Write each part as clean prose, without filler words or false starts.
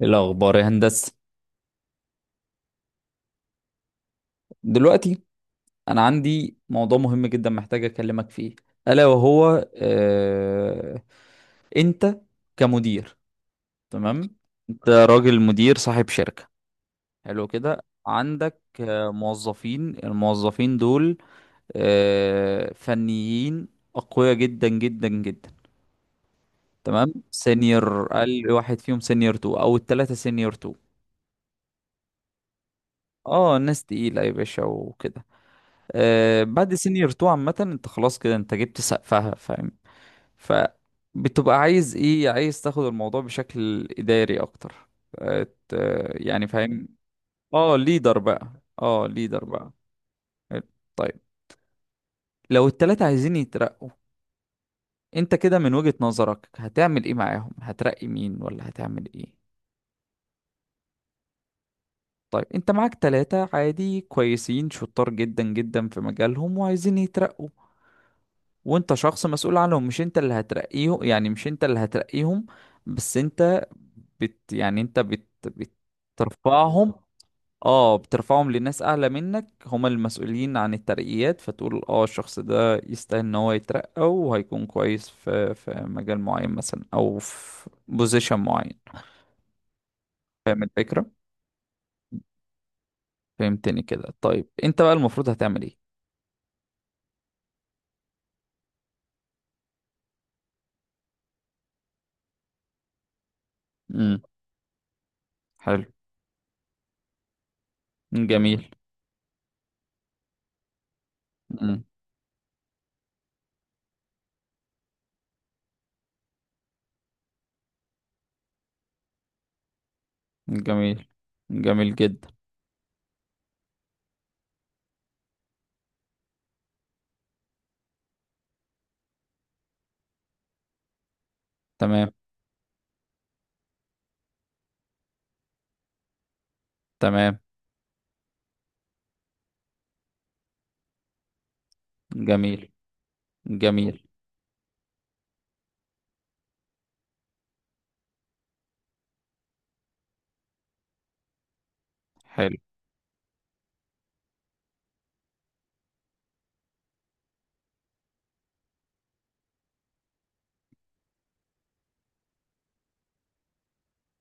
إيه الأخبار يا هندسة؟ دلوقتي أنا عندي موضوع مهم جدا محتاج أكلمك فيه، ألا وهو آه... أنت كمدير. تمام، أنت راجل مدير صاحب شركة. حلو كده، عندك الموظفين دول فنيين أقوياء جدا جدا جدا. تمام، سينيور. أقل واحد فيهم سينيور تو أو التلاتة سينيور تو. اه ناس تقيلة يا باشا وكده. بعد سينيور 2 عامة انت خلاص، كده انت جبت سقفها. فاهم؟ فبتبقى عايز ايه؟ عايز تاخد الموضوع بشكل اداري اكتر. آه، ت- يعني فاهم. اه ليدر بقى، اه ليدر بقى. حلو. طيب، لو التلاتة عايزين يترقوا، انت كده من وجهة نظرك هتعمل ايه معاهم؟ هترقي مين ولا هتعمل ايه؟ طيب انت معاك تلاتة عادي كويسين شطار جدا جدا في مجالهم وعايزين يترقوا، وانت شخص مسؤول عنهم. مش انت اللي هترقيهم، يعني مش انت اللي هترقيهم، بس انت بت يعني انت بت بترفعهم. اه بترفعهم لناس اعلى منك، هما المسؤولين عن الترقيات، فتقول اه الشخص ده يستاهل ان هو يترقى وهيكون كويس في مجال معين مثلا او في بوزيشن معين. فاهم الفكرة؟ فهمتني كده؟ طيب انت بقى المفروض هتعمل ايه؟ امم حلو. جميل. امم جميل، جميل جدا. تمام. تمام. جميل. جميل. حلو.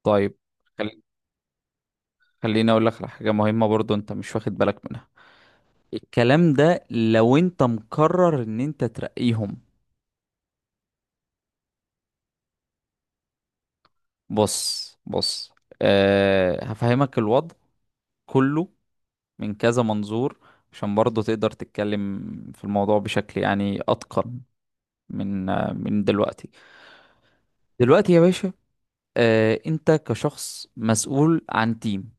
طيب خل... خليني اقول لك على حاجه مهمه برضو انت مش واخد بالك منها. الكلام ده لو انت مقرر ان انت ترقيهم. بص بص، أه هفهمك الوضع كله من كذا منظور، عشان برضو تقدر تتكلم في الموضوع بشكل يعني اتقن. من من دلوقتي. دلوقتي يا باشا، أه انت كشخص مسؤول عن تيم،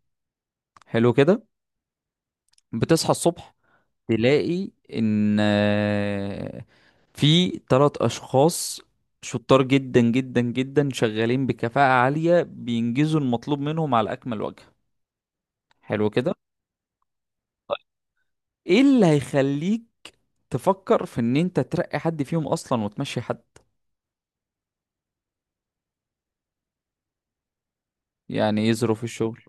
حلو كده، بتصحى الصبح تلاقي ان في ثلاث اشخاص شطار جدا جدا جدا شغالين بكفاءة عالية بينجزوا المطلوب منهم على اكمل وجه. حلو كده. ايه اللي هيخليك تفكر في ان انت ترقي حد فيهم اصلا وتمشي حد؟ يعني ايه ظروف الشغل؟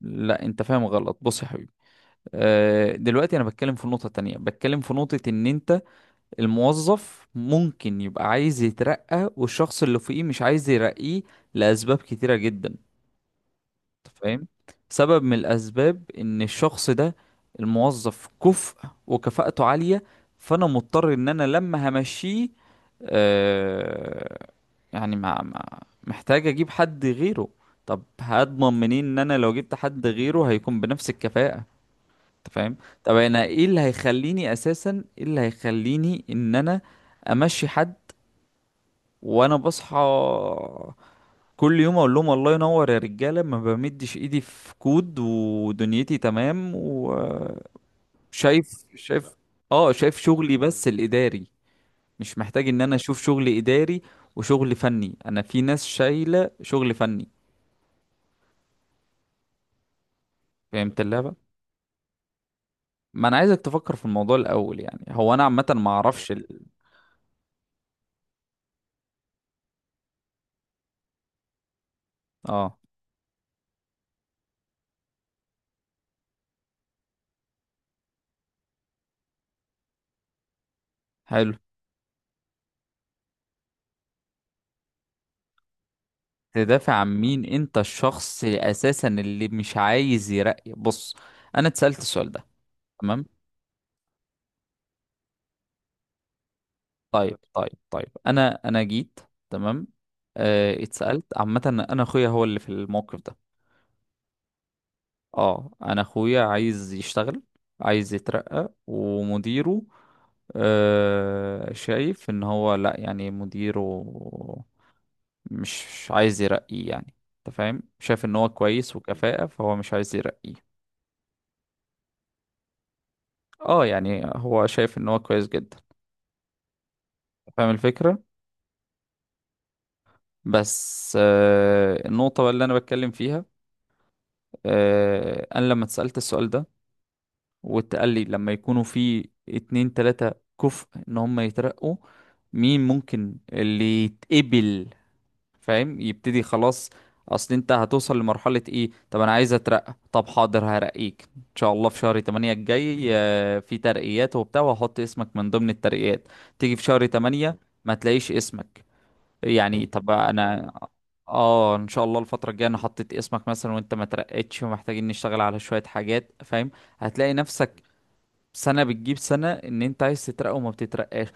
لا انت فاهم غلط. بص يا حبيبي، دلوقتي انا بتكلم في نقطة تانية. بتكلم في نقطة ان انت الموظف ممكن يبقى عايز يترقى والشخص اللي فوقيه مش عايز يرقيه لأسباب كتيرة جدا. فاهم؟ سبب من الاسباب ان الشخص ده، الموظف، كفء وكفاءته عالية، فانا مضطر ان انا لما همشيه، آه يعني ما ما محتاج اجيب حد غيره. طب هضمن منين ان انا لو جبت حد غيره هيكون بنفس الكفاءة؟ انت فاهم؟ طب انا ايه اللي هيخليني اساسا، ايه اللي هيخليني ان انا امشي حد؟ وانا بصحى كل يوم اقول لهم الله ينور يا رجاله، ما بمدش ايدي في كود، ودنيتي تمام وشايف. شايف اه، شايف شغلي بس الاداري، مش محتاج ان انا اشوف شغل اداري وشغل فني. انا في ناس شايله شغل فني. فهمت اللعبه؟ ما انا عايزك تفكر في الموضوع الاول. يعني هو انا عامه ما اعرفش اه. حلو. تدافع عن مين؟ انت الشخص اساسا اللي مش عايز يرقي. بص، انا اتسالت السؤال ده. تمام. طيب طيب طيب، انا جيت. تمام، اتسألت عامة. انا اخويا هو اللي في الموقف ده. اه انا اخويا عايز يشتغل، عايز يترقى، ومديره شايف ان هو، لا يعني مديره، مش عايز يرقيه. يعني انت فاهم، شايف ان هو كويس وكفاءة، فهو مش عايز يرقيه. اه يعني هو شايف ان هو كويس جدا. فاهم الفكرة؟ بس النقطة بقى اللي انا بتكلم فيها، انا لما اتسألت السؤال ده واتقال لي لما يكونوا في اتنين تلاتة كفء ان هم يترقوا، مين ممكن اللي يتقبل؟ فاهم؟ يبتدي خلاص. اصل انت هتوصل لمرحلة ايه؟ طب انا عايز اترقى. طب حاضر، هرقيك ان شاء الله في شهر 8 الجاي، في ترقيات وبتاع، وهحط اسمك من ضمن الترقيات. تيجي في شهر 8 ما تلاقيش اسمك. يعني طب انا، اه ان شاء الله الفترة الجاية انا حطيت اسمك مثلا وانت ما ترقتش ومحتاجين نشتغل على شوية حاجات. فاهم؟ هتلاقي نفسك سنة بتجيب سنة ان انت عايز تترقى وما بتترقاش.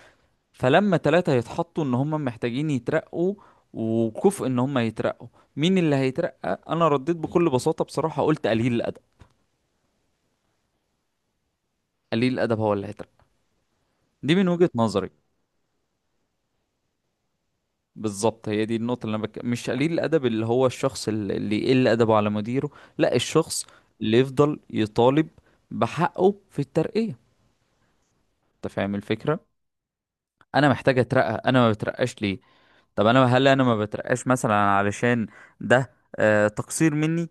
فلما تلاتة يتحطوا ان هم محتاجين يترقوا وكفء ان هم يترقوا، مين اللي هيترقى؟ انا رديت بكل بساطة، بصراحة، قلت قليل الادب. قليل الادب هو اللي هيترقى. دي من وجهة نظري. بالظبط، هي دي النقطة اللي مش قليل الأدب اللي هو الشخص اللي يقل أدبه على مديره. لا، الشخص اللي يفضل يطالب بحقه في الترقية. أنت فاهم الفكرة؟ أنا محتاج أترقى، أنا ما بترقاش ليه؟ طب أنا هل أنا ما بترقاش مثلا علشان ده تقصير مني،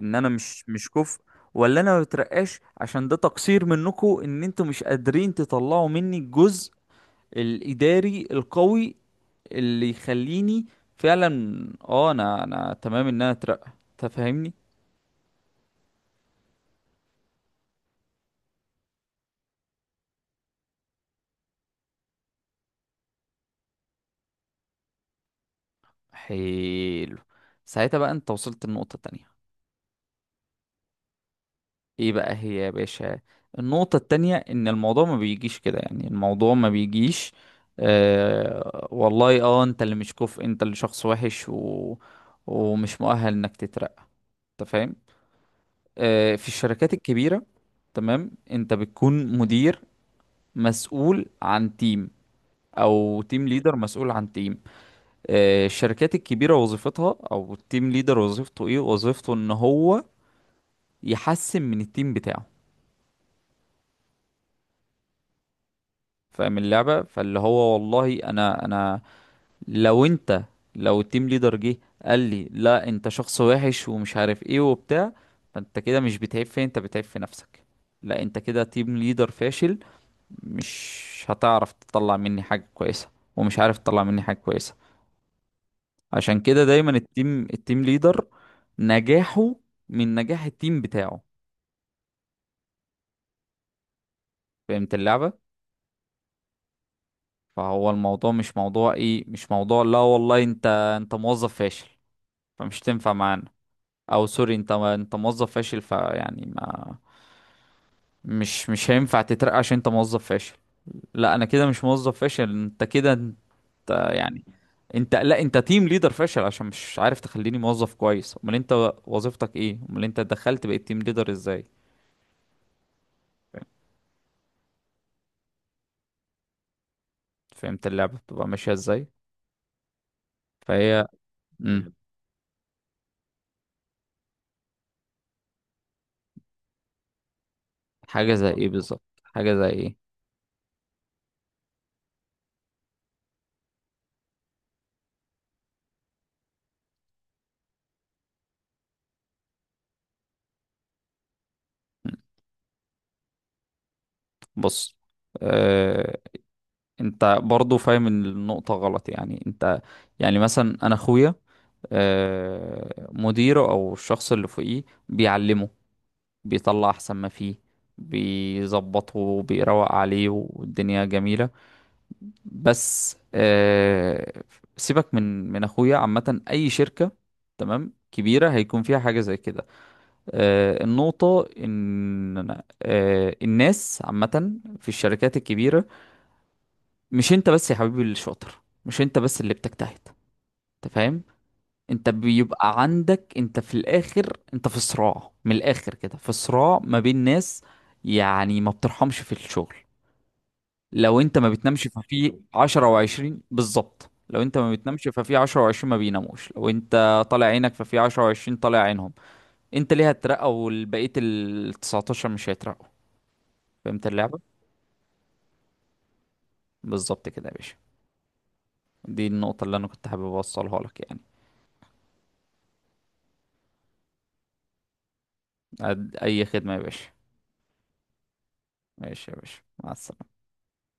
إن أنا مش كفء؟ ولا أنا ما بترقاش عشان ده تقصير منكم، إن أنتوا مش قادرين تطلعوا مني الجزء الإداري القوي اللي يخليني فعلا، اه انا، انا تمام ان انا اترقى؟ تفهمني؟ حلو. ساعتها بقى انت وصلت النقطة التانية. ايه بقى هي يا باشا؟ النقطة التانية ان الموضوع ما بيجيش كده. يعني الموضوع ما بيجيش والله اه انت اللي مش كفء، انت اللي شخص وحش ومش مؤهل انك تترقى. انت فاهم؟ في الشركات الكبيرة، تمام، انت بتكون مدير مسؤول عن تيم، او تيم ليدر مسؤول عن تيم. الشركات الكبيرة وظيفتها، أو التيم ليدر وظيفته إيه؟ وظيفته إن هو يحسن من التيم بتاعه. فاهم اللعبة؟ فاللي هو والله، أنا أنا، لو أنت، لو التيم ليدر جه قال لي لا أنت شخص وحش ومش عارف إيه وبتاع، فأنت كده مش بتعيب فين؟ أنت بتعيب في نفسك. لا أنت كده تيم ليدر فاشل، مش هتعرف تطلع مني حاجة كويسة. ومش عارف تطلع مني حاجة كويسة. عشان كده دايما التيم، التيم ليدر نجاحه من نجاح التيم بتاعه. فهمت اللعبة؟ فهو الموضوع مش موضوع ايه، مش موضوع لا والله انت، انت موظف فاشل فمش تنفع معانا، او سوري انت، انت موظف فاشل فيعني ما مش هينفع تترقى عشان انت موظف فاشل. لا انا كده مش موظف فاشل، انت كده انت يعني، انت لا انت تيم ليدر فاشل عشان مش عارف تخليني موظف كويس. امال انت وظيفتك ايه؟ امال انت دخلت بقيت تيم ليدر ازاي؟ فهمت؟ فهمت اللعبة بتبقى ماشية ازاي؟ فهي. مم. حاجة زي ايه بالظبط؟ حاجة زي ايه؟ بص، آه، انت برضو فاهم إن النقطة غلط. يعني انت، يعني مثلا انا اخويا، مديره او الشخص اللي فوقيه بيعلمه، بيطلع احسن ما فيه، بيظبطه، بيروق عليه، والدنيا جميلة. بس سيبك من اخويا. عامة اي شركة، تمام، كبيرة هيكون فيها حاجة زي كده. النقطة ان الناس عامة في الشركات الكبيرة، مش انت بس يا حبيبي اللي شاطر، مش انت بس اللي بتجتهد. انت فاهم؟ انت بيبقى عندك، انت في الاخر، انت في صراع، من الاخر كده في صراع ما بين ناس. يعني ما بترحمش في الشغل. لو انت ما بتنامش ففي عشرة وعشرين بالظبط لو انت ما بتنامش ففي عشرة وعشرين ما بيناموش. لو انت طالع عينك ففي عشرة وعشرين طالع عينهم. انت ليه هترقى والبقية ال 19 مش هيترقوا؟ فهمت اللعبة؟ بالظبط كده يا باشا، دي النقطة اللي انا كنت حابب اوصلها لك، يعني اي خدمة يا باشا. ماشي يا باشا، مع السلامة.